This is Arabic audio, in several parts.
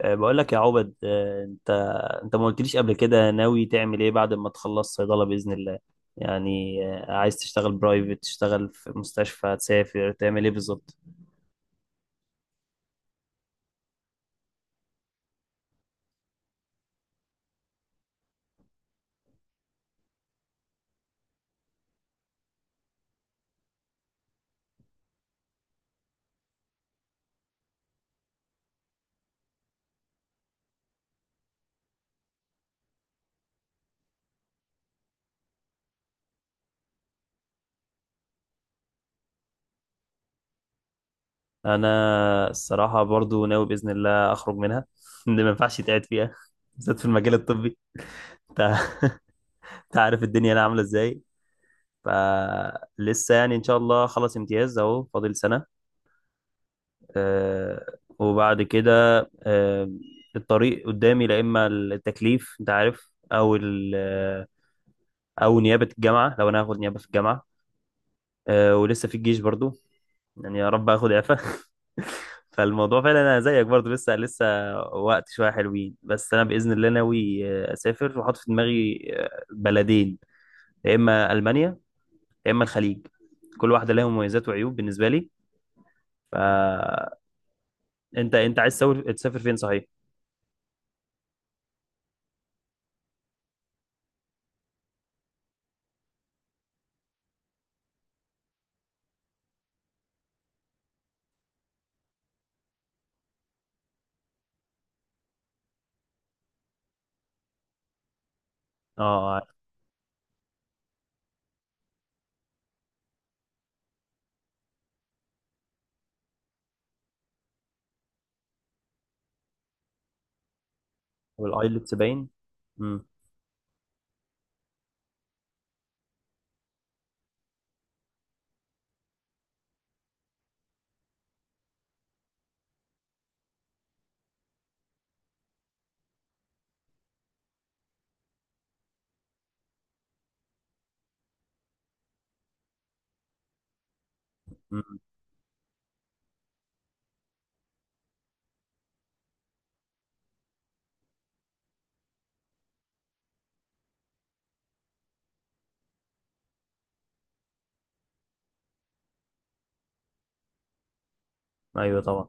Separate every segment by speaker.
Speaker 1: بقول لك يا عبد، انت ما قلتليش قبل كده ناوي تعمل ايه بعد ما تخلص صيدلة بإذن الله؟ يعني عايز تشتغل برايفت، تشتغل في مستشفى، تسافر، تعمل ايه بالظبط؟ انا الصراحة برضو ناوي بإذن الله اخرج منها اللي ما ينفعش يتقعد فيها، بالذات في المجال الطبي. انت عارف الدنيا هنا عاملة ازاي. فلسه يعني ان شاء الله خلص امتياز اهو، فاضل سنة. وبعد كده، آه، الطريق قدامي، لا اما التكليف انت عارف، او او نيابه الجامعه، لو انا هاخد نيابه في الجامعه. ولسه في الجيش برضو، يعني يا رب اخد اعفاء. فالموضوع فعلا انا زيك، برضو لسه لسه وقت شويه حلوين. بس انا باذن الله ناوي اسافر، وحاطط في دماغي بلدين: يا اما المانيا، يا اما الخليج. كل واحده لها مميزات وعيوب بالنسبه لي. فانت، انت عايز تسافر، تسافر فين صحيح؟ اه، والايلتس باين. امم. أمم. ايوه طبعا.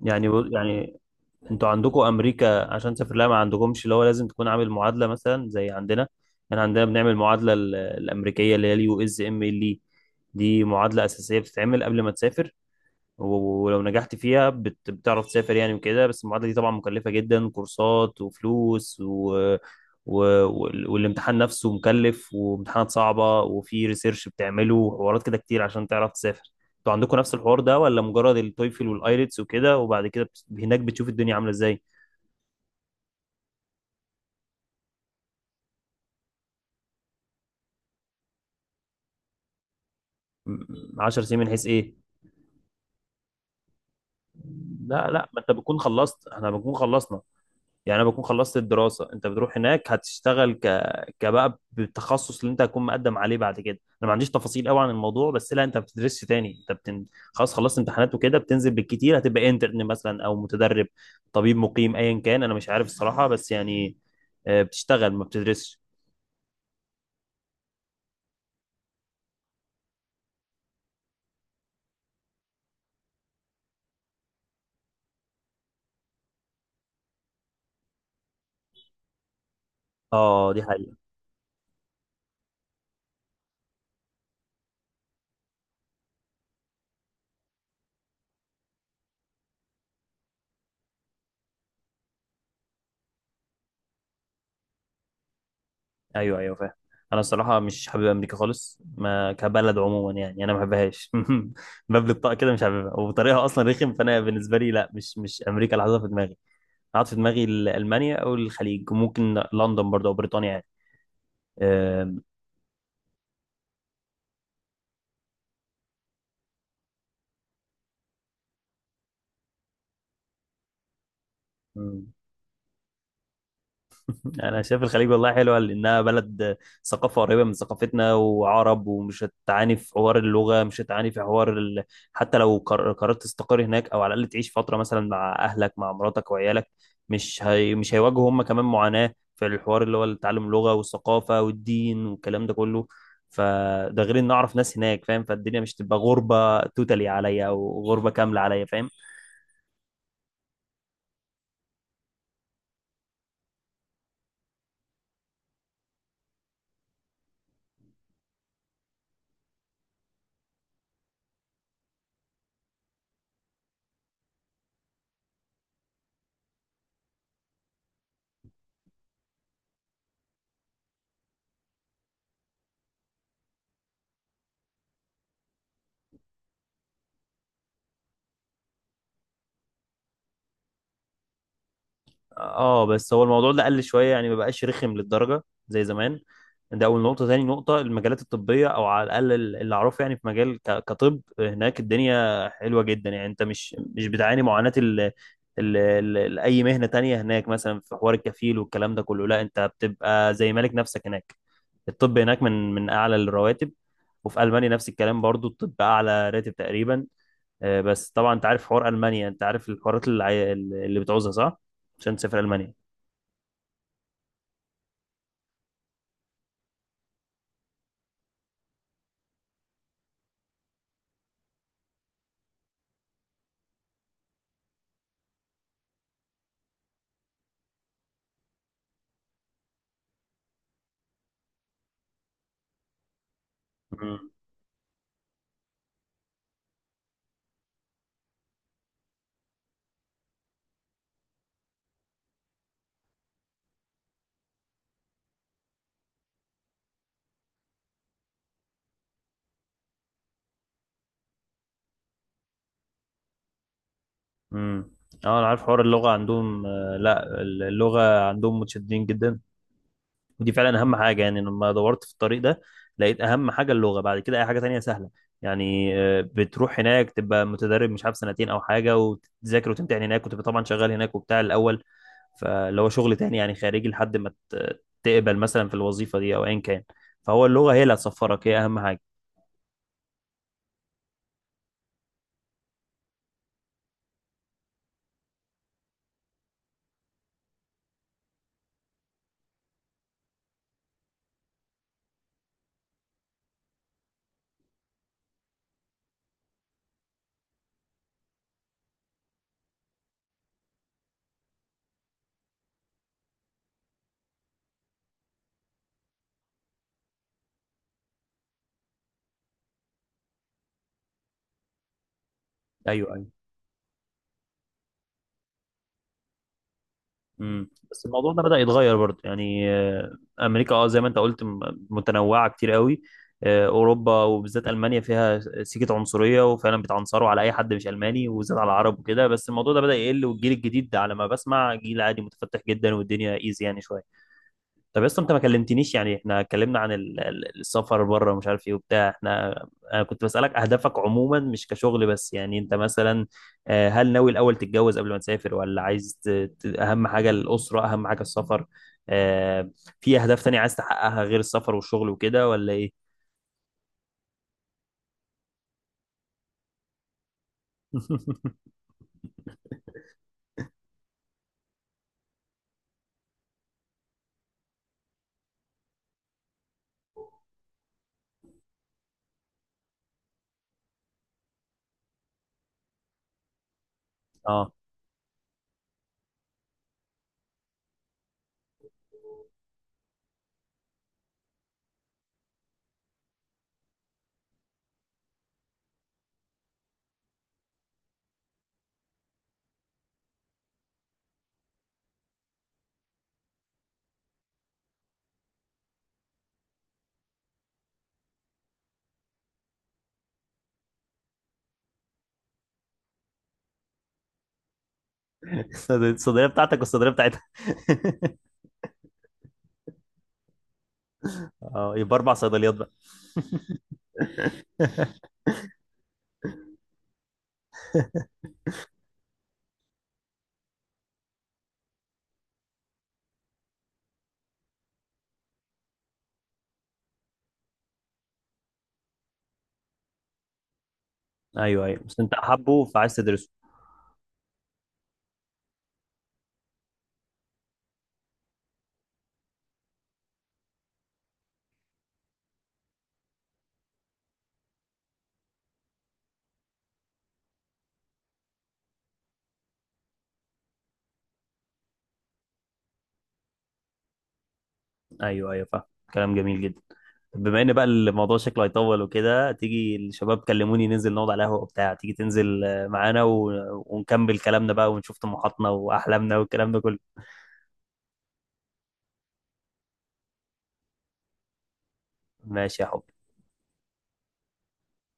Speaker 1: يعني انتوا عندكم امريكا عشان تسافر لها، ما عندكمش اللي هو لازم تكون عامل معادله مثلا زي عندنا؟ يعني عندنا بنعمل معادله الامريكيه اللي هي اليو اس ام ال. دي معادله اساسيه بتتعمل قبل ما تسافر، ولو نجحت فيها بتعرف تسافر يعني وكده. بس المعادلة دي طبعا مكلفة جدا، كورسات وفلوس و... والامتحان نفسه مكلف، وامتحانات صعبة، وفي ريسيرش بتعمله وحوارات كده كتير عشان تعرف تسافر. انتوا عندكم نفس الحوار ده ولا مجرد التويفل والايلتس وكده، وبعد كده هناك بتشوف الدنيا عاملة ازاي؟ 10 سنين؟ من حيث ايه؟ لا لا، ما انت بتكون خلصت، احنا بنكون خلصنا. يعني انا بكون خلصت الدراسه، انت بتروح هناك هتشتغل كبقى بالتخصص اللي انت هتكون مقدم عليه بعد كده. انا ما عنديش تفاصيل قوي عن الموضوع، بس لا، انت ما بتدرسش تاني، خلاص خلصت امتحانات وكده، بتنزل بالكتير هتبقى انترن مثلا او متدرب، طبيب مقيم ايا كان، انا مش عارف الصراحه، بس يعني بتشتغل ما بتدرسش. اه، دي حقيقه. ايوه ايوه، فاهم. انا الصراحه مش حابب امريكا خالص، ما كبلد عموما، يعني انا ما بحبهاش. باب الطاقه كده مش حاببها، وطريقها اصلا رخم. فانا بالنسبه لي لا، مش امريكا اللي حاططها في دماغي. قعدت في دماغي المانيا او الخليج، ممكن لندن برضه او بريطانيا يعني. أم. انا شايف الخليج والله حلوه، لانها بلد ثقافه قريبه من ثقافتنا وعرب، ومش هتعاني في حوار اللغه، مش هتعاني في حوار حتى لو قررت تستقر هناك، او على الاقل تعيش فتره مثلا مع اهلك، مع مراتك وعيالك، مش هيواجهوا هم كمان معاناه في الحوار اللي هو تعلم اللغه والثقافه والدين والكلام ده كله. فده غير ان اعرف ناس هناك، فاهم؟ فالدنيا مش تبقى غربه توتالي عليا، او غربه كامله عليا، فاهم؟ اه، بس هو الموضوع ده قل شويه، يعني ما بقاش رخم للدرجه زي زمان. ده اول نقطه. تاني نقطه، المجالات الطبيه او على الاقل اللي اعرفه، يعني في مجال كطب هناك الدنيا حلوه جدا. يعني انت مش بتعاني معاناه اي مهنه تانية هناك، مثلا في حوار الكفيل والكلام ده كله. لا، انت بتبقى زي مالك نفسك هناك. الطب هناك من اعلى الرواتب. وفي المانيا نفس الكلام برضو، الطب اعلى راتب تقريبا. بس طبعا انت عارف حوار المانيا، انت عارف الحوارات اللي بتعوزها صح، عشان تسافر المانيا؟ امم، امم. اه، انا عارف حوار اللغه عندهم. لا، اللغه عندهم متشددين جدا. ودي فعلا اهم حاجه. يعني لما دورت في الطريق ده، لقيت اهم حاجه اللغه، بعد كده اي حاجه تانية سهله. يعني بتروح هناك تبقى متدرب مش عارف سنتين او حاجه، وتذاكر وتمتحن هناك، وتبقى طبعا شغال هناك وبتاع الاول، فاللي هو شغل تاني يعني خارجي، لحد ما تقبل مثلا في الوظيفه دي او ايا كان. فهو اللغه هي اللي هتسفرك، هي اهم حاجه. ايوه ايوه. امم، بس الموضوع ده بدأ يتغير برضه، يعني امريكا اه زي ما انت قلت متنوعه كتير قوي. اوروبا وبالذات المانيا فيها سيكه عنصريه، وفعلا بيتعنصروا على اي حد مش الماني، وبالذات على العرب وكده. بس الموضوع ده بدأ يقل، والجيل الجديد ده على ما بسمع جيل عادي متفتح جدا، والدنيا ايزي يعني شويه. طب اصلا انت ما كلمتنيش. يعني احنا اتكلمنا عن السفر بره ومش عارف ايه وبتاع، احنا انا كنت بسألك اهدافك عموما مش كشغل بس. يعني انت مثلا هل ناوي الاول تتجوز قبل ما تسافر، ولا عايز اهم حاجة الأسرة، اهم حاجة السفر؟ آه، في اهداف تانية عايز تحققها غير السفر والشغل وكده ولا ايه؟ اه، الصيدلية بتاعتك والصيدلية بتاعتها. اه يبقى 4 صيدليات بقى. ايوه ايوه، بس انت حابه فعايز تدرسه. ايوه ايوه، فاهم. كلام جميل جدا. بما ان بقى الموضوع شكله هيطول وكده، تيجي، الشباب كلموني ننزل نقعد على قهوة وبتاع، تيجي تنزل معانا، ونكمل كلامنا بقى، ونشوف طموحاتنا واحلامنا والكلام ده كله. ماشي يا حب.